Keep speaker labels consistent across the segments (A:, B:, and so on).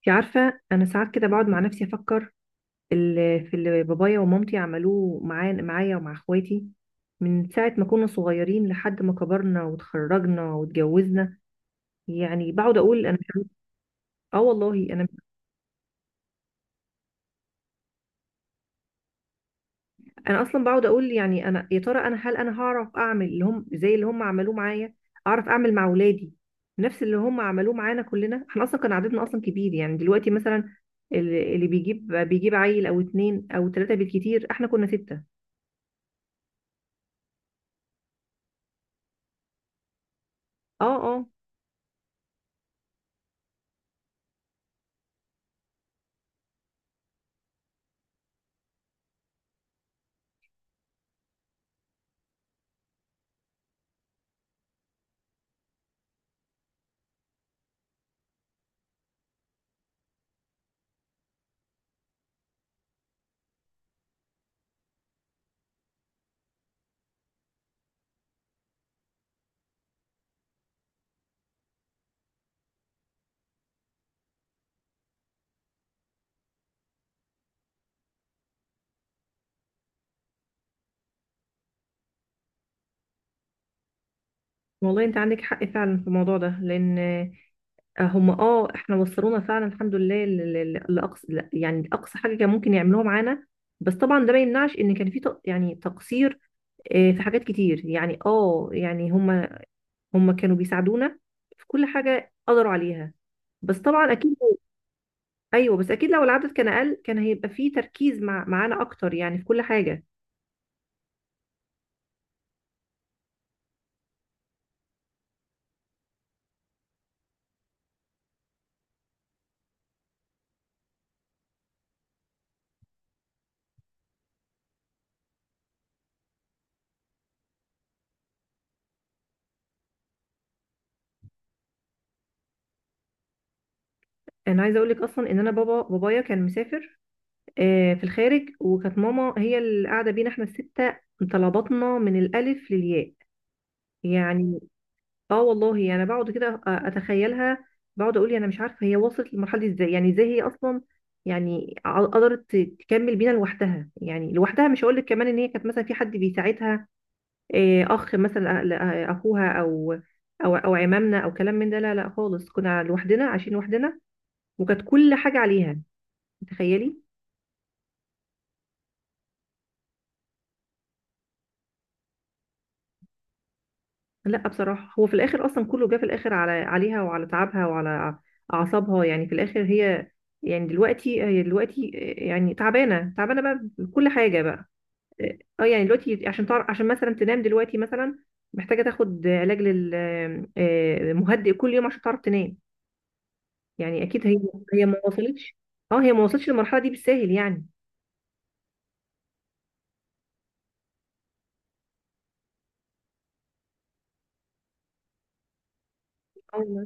A: انت عارفه، انا ساعات كده بقعد مع نفسي افكر في اللي بابايا ومامتي عملوه معايا ومع اخواتي من ساعه ما كنا صغيرين لحد ما كبرنا وتخرجنا واتجوزنا. يعني بقعد اقول انا. اه والله. انا انا اصلا بقعد اقول، يعني انا يا ترى، انا هل انا هعرف اعمل اللي هم، زي اللي هم عملوه معايا، اعرف اعمل مع اولادي نفس اللي هم عملوه معانا كلنا. احنا اصلا كان عددنا اصلا كبير، يعني دلوقتي مثلا اللي بيجيب عيل او اتنين او تلاته بالكتير، احنا كنا سته. اه اه. والله انت عندك حق فعلا في الموضوع ده، لان هم اه احنا وصلونا فعلا الحمد لله لاقصى، لا، يعني اقصى حاجه كان ممكن يعملوها معانا. بس طبعا ده ما يمنعش ان كان في يعني تقصير. في حاجات كتير، يعني اه يعني هم، هم كانوا بيساعدونا في كل حاجه قدروا عليها. بس طبعا اكيد. ايوه بس اكيد لو العدد كان اقل كان هيبقى في تركيز معانا اكتر، يعني في كل حاجه. انا عايزه اقول لك اصلا ان انا بابايا كان مسافر في الخارج، وكانت ماما هي اللي قاعده بينا احنا السته، مطلع بطننا من الالف للياء يعني. اه والله انا يعني بقعد كده اتخيلها. بقعد اقول انا مش عارفه هي وصلت للمرحله دي ازاي، يعني ازاي هي اصلا يعني قدرت تكمل بينا لوحدها. يعني لوحدها، مش هقول لك كمان ان هي كانت مثلا في حد بيساعدها اخ مثلا، اخوها، او عمامنا او كلام من ده. لا لا خالص، كنا لوحدنا، عايشين لوحدنا، وكانت كل حاجه عليها. تخيلي. لا بصراحة هو في الآخر أصلا كله جه في الآخر على، عليها وعلى تعبها وعلى أعصابها. يعني في الآخر هي، يعني دلوقتي، هي دلوقتي يعني تعبانة، تعبانة بقى بكل حاجة بقى. اه، يعني دلوقتي عشان تعرف، عشان مثلا تنام دلوقتي مثلا محتاجة تاخد علاج لل مهدئ كل يوم عشان تعرف تنام. يعني أكيد هي، هي ما وصلتش. اه، هي ما وصلتش للمرحلة دي بالساهل يعني. اه والله.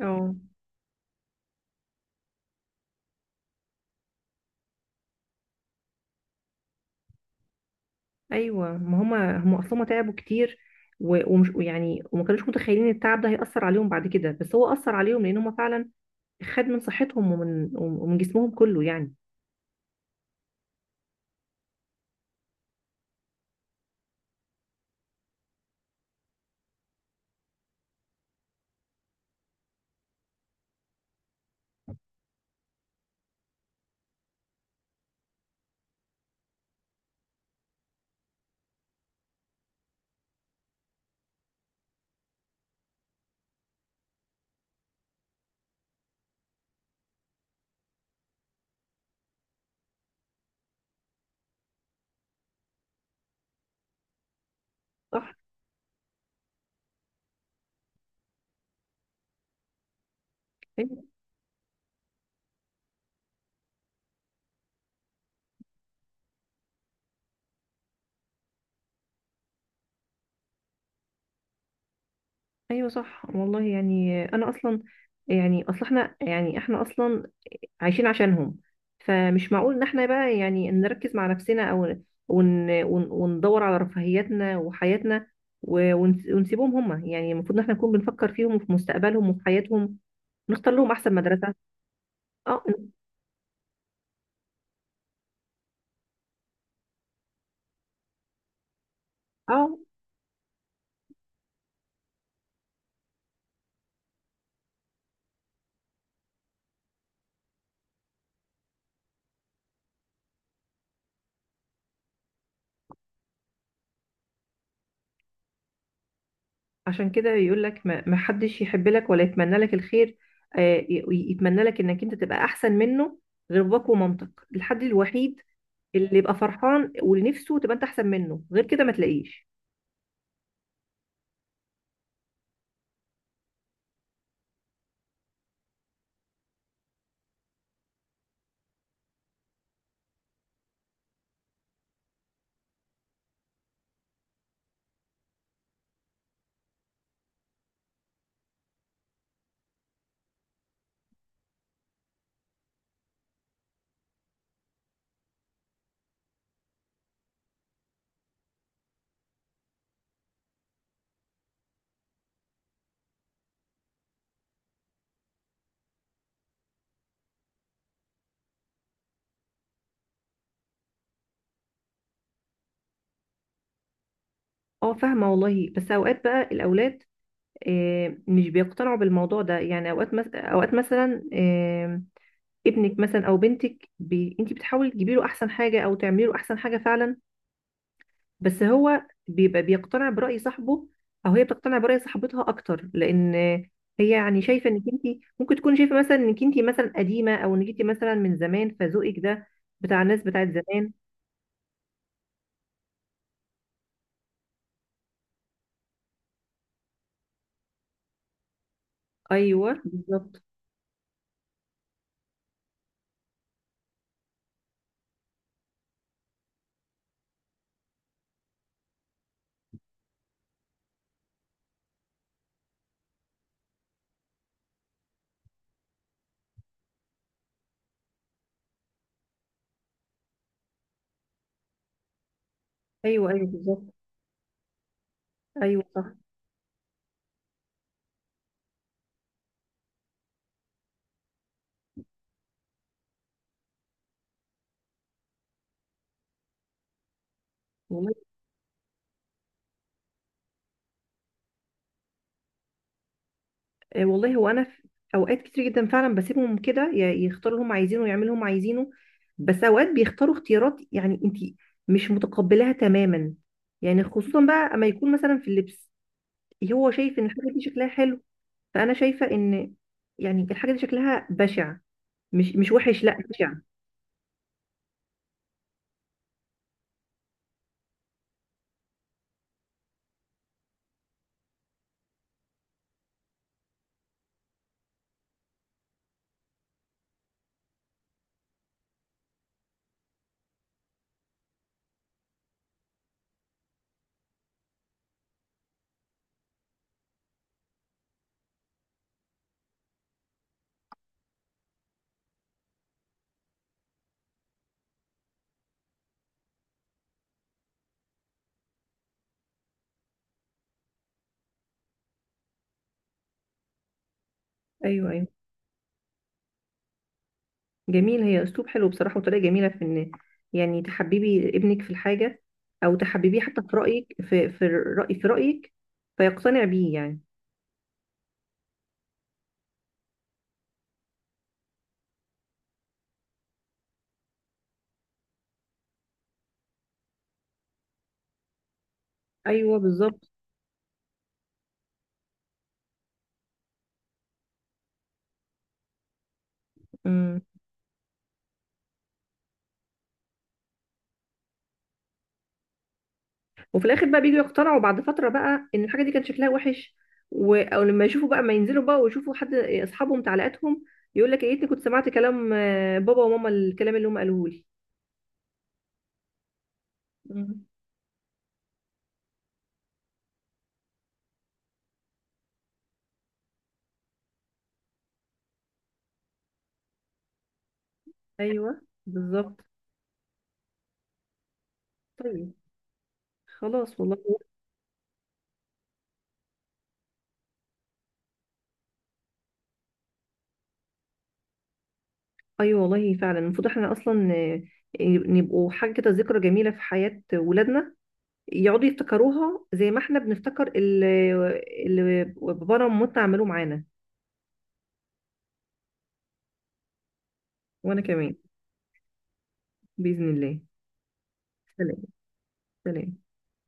A: اه. ايوه، ما هما اصلا تعبوا كتير، ومش يعني، وما كانوش متخيلين التعب ده هيأثر عليهم بعد كده، بس هو أثر عليهم، لأن هما فعلا خد من صحتهم ومن جسمهم كله يعني. صح. ايوه. أيوة صح والله. يعني انا اصلا، يعني اصل احنا، يعني احنا اصلا عايشين عشانهم، فمش معقول ان احنا بقى يعني نركز مع نفسنا، او ون وندور على رفاهيتنا وحياتنا ونسيبهم هما. يعني المفروض ان احنا نكون بنفكر فيهم وفي مستقبلهم وفي حياتهم، نختار لهم احسن مدرسه. اه. اه. عشان كده يقول لك ما حدش يحب لك ولا يتمنى لك الخير آه، يتمنى لك انك انت تبقى احسن منه غير باباك ومامتك. الحد الوحيد اللي يبقى فرحان ونفسه تبقى انت احسن منه، غير كده ما تلاقيش. اه فاهمه والله. بس اوقات بقى الاولاد مش بيقتنعوا بالموضوع ده، يعني اوقات اوقات مثلا ابنك مثلا او بنتك انت بتحاولي تجيبي له احسن حاجه او تعملي له احسن حاجه فعلا، بس هو بيبقى بيقتنع برأي صاحبه، او هي بتقتنع برأي صاحبتها اكتر، لان هي يعني شايفه انك انت، ممكن تكون شايفه مثلا انك انت مثلا قديمه، او انك انت مثلا من زمان، فذوقك ده بتاع الناس بتاعت زمان. ايوه بالظبط. ايوه ايوه بالظبط. ايوه صح والله. والله هو انا في اوقات كتير جدا فعلا بسيبهم كده يختاروا اللي هم عايزينه ويعملوا اللي هم عايزينه، بس اوقات بيختاروا اختيارات يعني انت مش متقبلاها تماما. يعني خصوصا بقى اما يكون مثلا في اللبس، هو شايف ان الحاجه دي شكلها حلو، فانا شايفه ان يعني الحاجه دي شكلها بشع، مش وحش، لا بشع. ايوه. ايوه. جميل، هي اسلوب حلو بصراحه وطريقه جميله في ان يعني تحببي ابنك في الحاجه، او تحببيه حتى في رايك، في رايك فيقتنع بيه يعني. ايوه بالظبط. امم. وفي الاخر بقى بيجوا يقتنعوا بعد فتره بقى ان الحاجه دي كان شكلها وحش، او لما يشوفوا بقى، ما ينزلوا بقى ويشوفوا حد اصحابهم تعليقاتهم، يقول لك يا ريتني كنت سمعت كلام بابا وماما، الكلام اللي هم قالوه لي. مم. ايوه بالظبط. طيب خلاص والله. ايوه والله فعلا المفروض احنا اصلا نبقوا حاجه كده، ذكرى جميله في حياه ولادنا، يقعدوا يفتكروها زي ما احنا بنفتكر اللي بابانا ومامتنا عملوه معانا. وانا كمان. باذن الله. سلام. سلام.